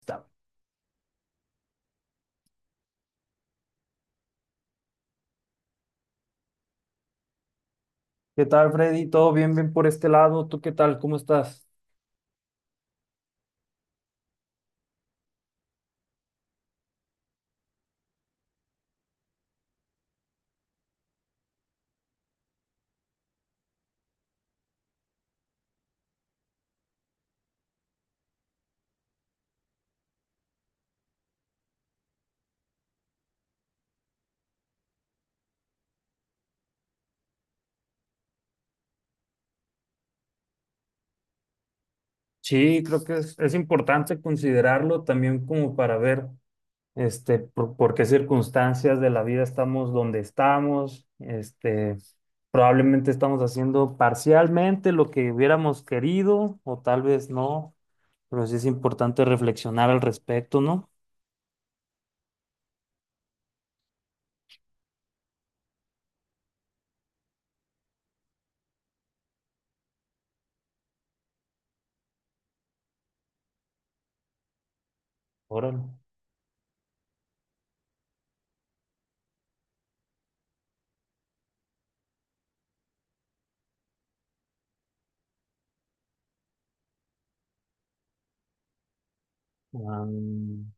Está. ¿Qué tal, Freddy? ¿Todo bien, bien por este lado? ¿Tú qué tal? ¿Cómo estás? Sí, creo que es importante considerarlo también como para ver por qué circunstancias de la vida estamos donde estamos. Este, probablemente estamos haciendo parcialmente lo que hubiéramos querido o tal vez no, pero sí es importante reflexionar al respecto, ¿no? Órale. Ah,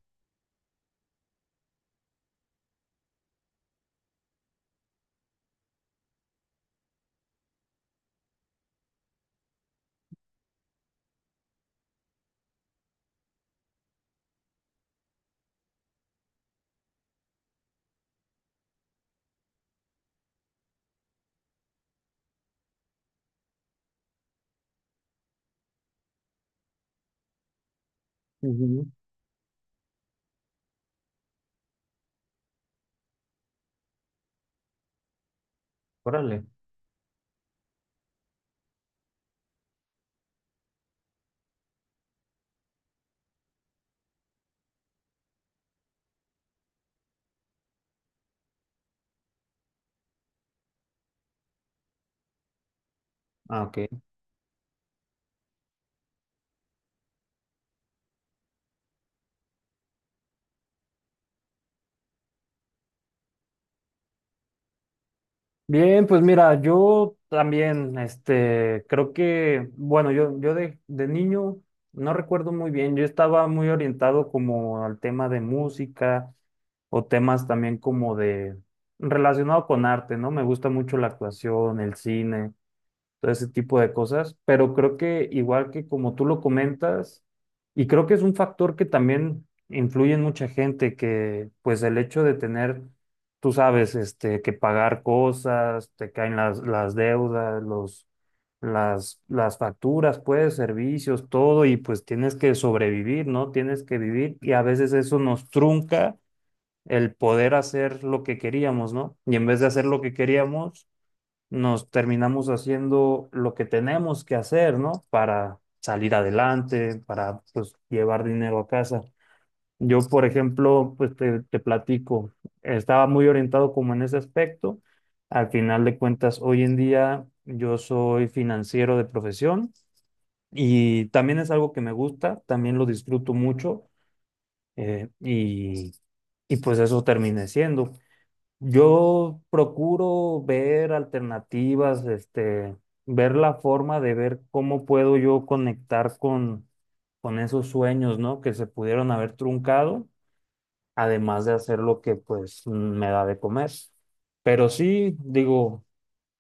ujú. Órale. Ah, ok. Bien, pues mira, yo también, este, creo que, bueno, yo de niño no recuerdo muy bien, yo estaba muy orientado como al tema de música o temas también como de relacionado con arte, ¿no? Me gusta mucho la actuación, el cine, todo ese tipo de cosas, pero creo que igual que como tú lo comentas, y creo que es un factor que también influye en mucha gente, que pues el hecho de tener, tú sabes, este, que pagar cosas, te caen las deudas, los, las facturas, pues, servicios, todo, y pues tienes que sobrevivir, ¿no? Tienes que vivir, y a veces eso nos trunca el poder hacer lo que queríamos, ¿no? Y en vez de hacer lo que queríamos, nos terminamos haciendo lo que tenemos que hacer, ¿no? Para salir adelante, para pues llevar dinero a casa. Yo, por ejemplo, pues te platico, estaba muy orientado como en ese aspecto. Al final de cuentas, hoy en día yo soy financiero de profesión y también es algo que me gusta, también lo disfruto mucho, eh, y, y pues eso terminé siendo. Yo procuro ver alternativas, este, ver la forma de ver cómo puedo yo conectar con esos sueños, ¿no? Que se pudieron haber truncado, además de hacer lo que pues me da de comer. Pero sí, digo,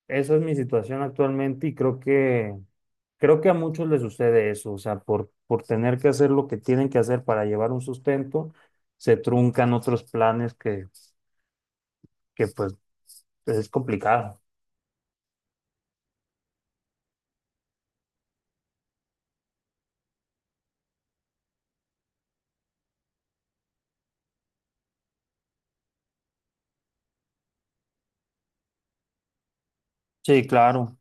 esa es mi situación actualmente y creo que a muchos les sucede eso, o sea, por tener que hacer lo que tienen que hacer para llevar un sustento, se truncan otros planes que pues es complicado. Sí, claro.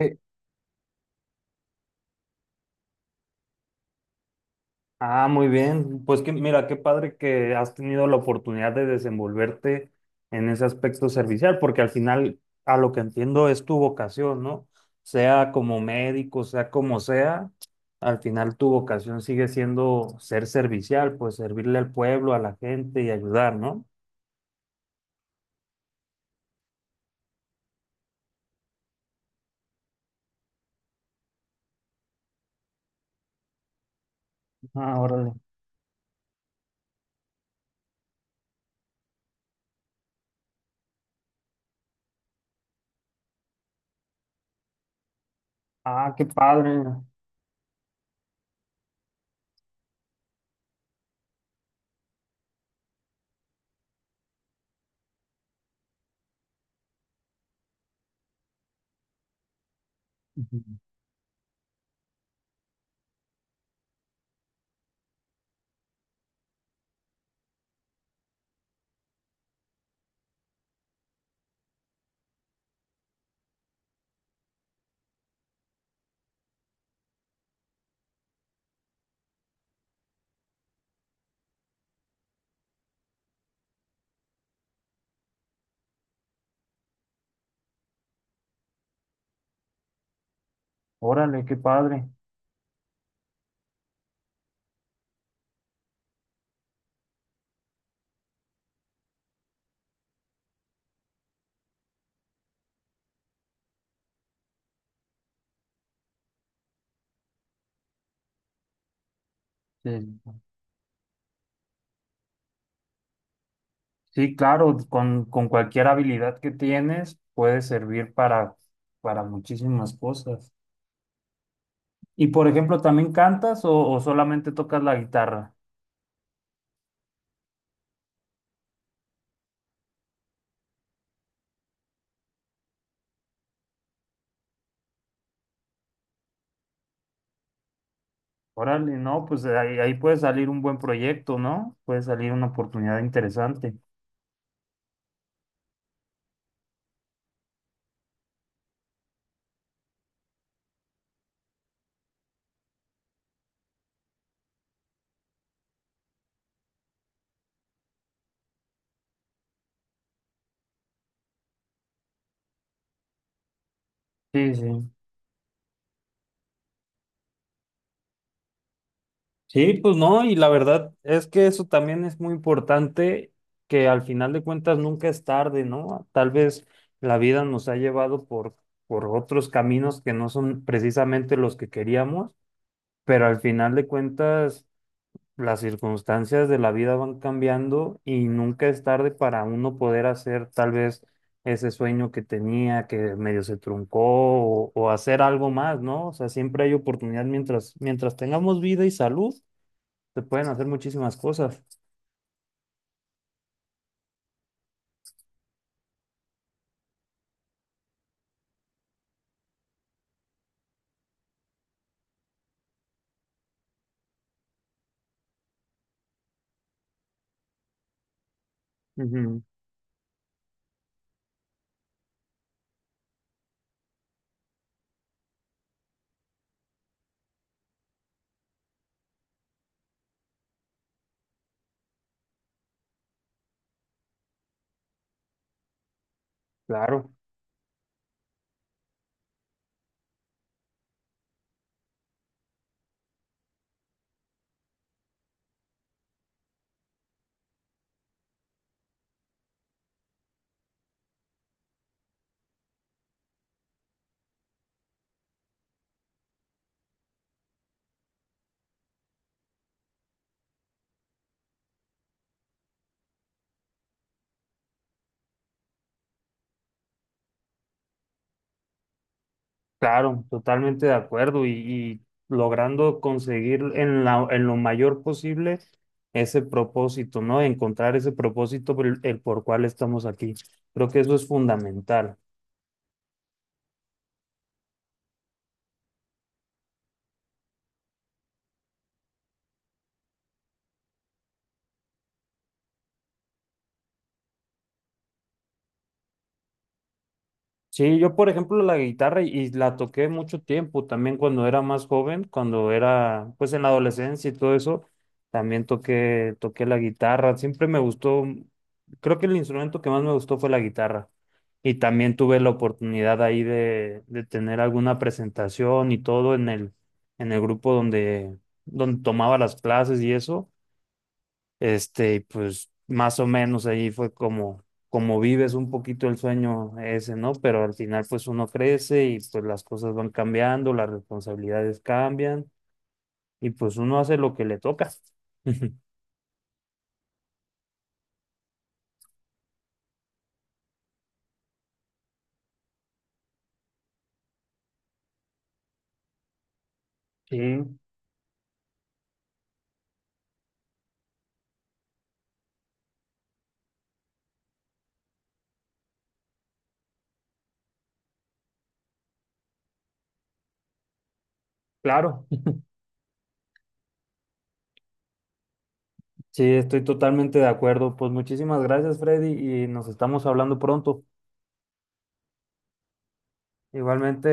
Eh, Ah, muy bien. Pues que mira, qué padre que has tenido la oportunidad de desenvolverte en ese aspecto servicial, porque al final, a lo que entiendo, es tu vocación, ¿no? Sea como médico, sea como sea, al final tu vocación sigue siendo ser servicial, pues servirle al pueblo, a la gente y ayudar, ¿no? Ah, órale. Ah, qué padre. Ujú. Órale, qué padre. Sí. Sí, claro, con cualquier habilidad que tienes puede servir para muchísimas cosas. Y por ejemplo, ¿también cantas o solamente tocas la guitarra? Órale, no, pues ahí, ahí puede salir un buen proyecto, ¿no? Puede salir una oportunidad interesante. Sí, sí. Sí, pues no, y la verdad es que eso también es muy importante, que al final de cuentas nunca es tarde, ¿no? Tal vez la vida nos ha llevado por otros caminos que no son precisamente los que queríamos, pero al final de cuentas las circunstancias de la vida van cambiando y nunca es tarde para uno poder hacer tal vez ese sueño que tenía que medio se truncó o hacer algo más, ¿no? O sea, siempre hay oportunidad mientras, mientras tengamos vida y salud, se pueden hacer muchísimas cosas. Ujú, claro. Claro, totalmente de acuerdo y logrando conseguir en la, en lo mayor posible ese propósito, ¿no? Encontrar ese propósito por el por cual estamos aquí. Creo que eso es fundamental. Sí, yo por ejemplo la guitarra y la toqué mucho tiempo, también cuando era más joven, cuando era pues en la adolescencia y todo eso, también toqué, toqué la guitarra, siempre me gustó, creo que el instrumento que más me gustó fue la guitarra y también tuve la oportunidad ahí de tener alguna presentación y todo en el grupo donde, donde tomaba las clases y eso. Este, y pues más o menos ahí fue como, como vives un poquito el sueño ese, ¿no? Pero al final pues uno crece y pues las cosas van cambiando, las responsabilidades cambian y pues uno hace lo que le toca. Sí, claro. Sí, estoy totalmente de acuerdo. Pues muchísimas gracias, Freddy, y nos estamos hablando pronto. Igualmente.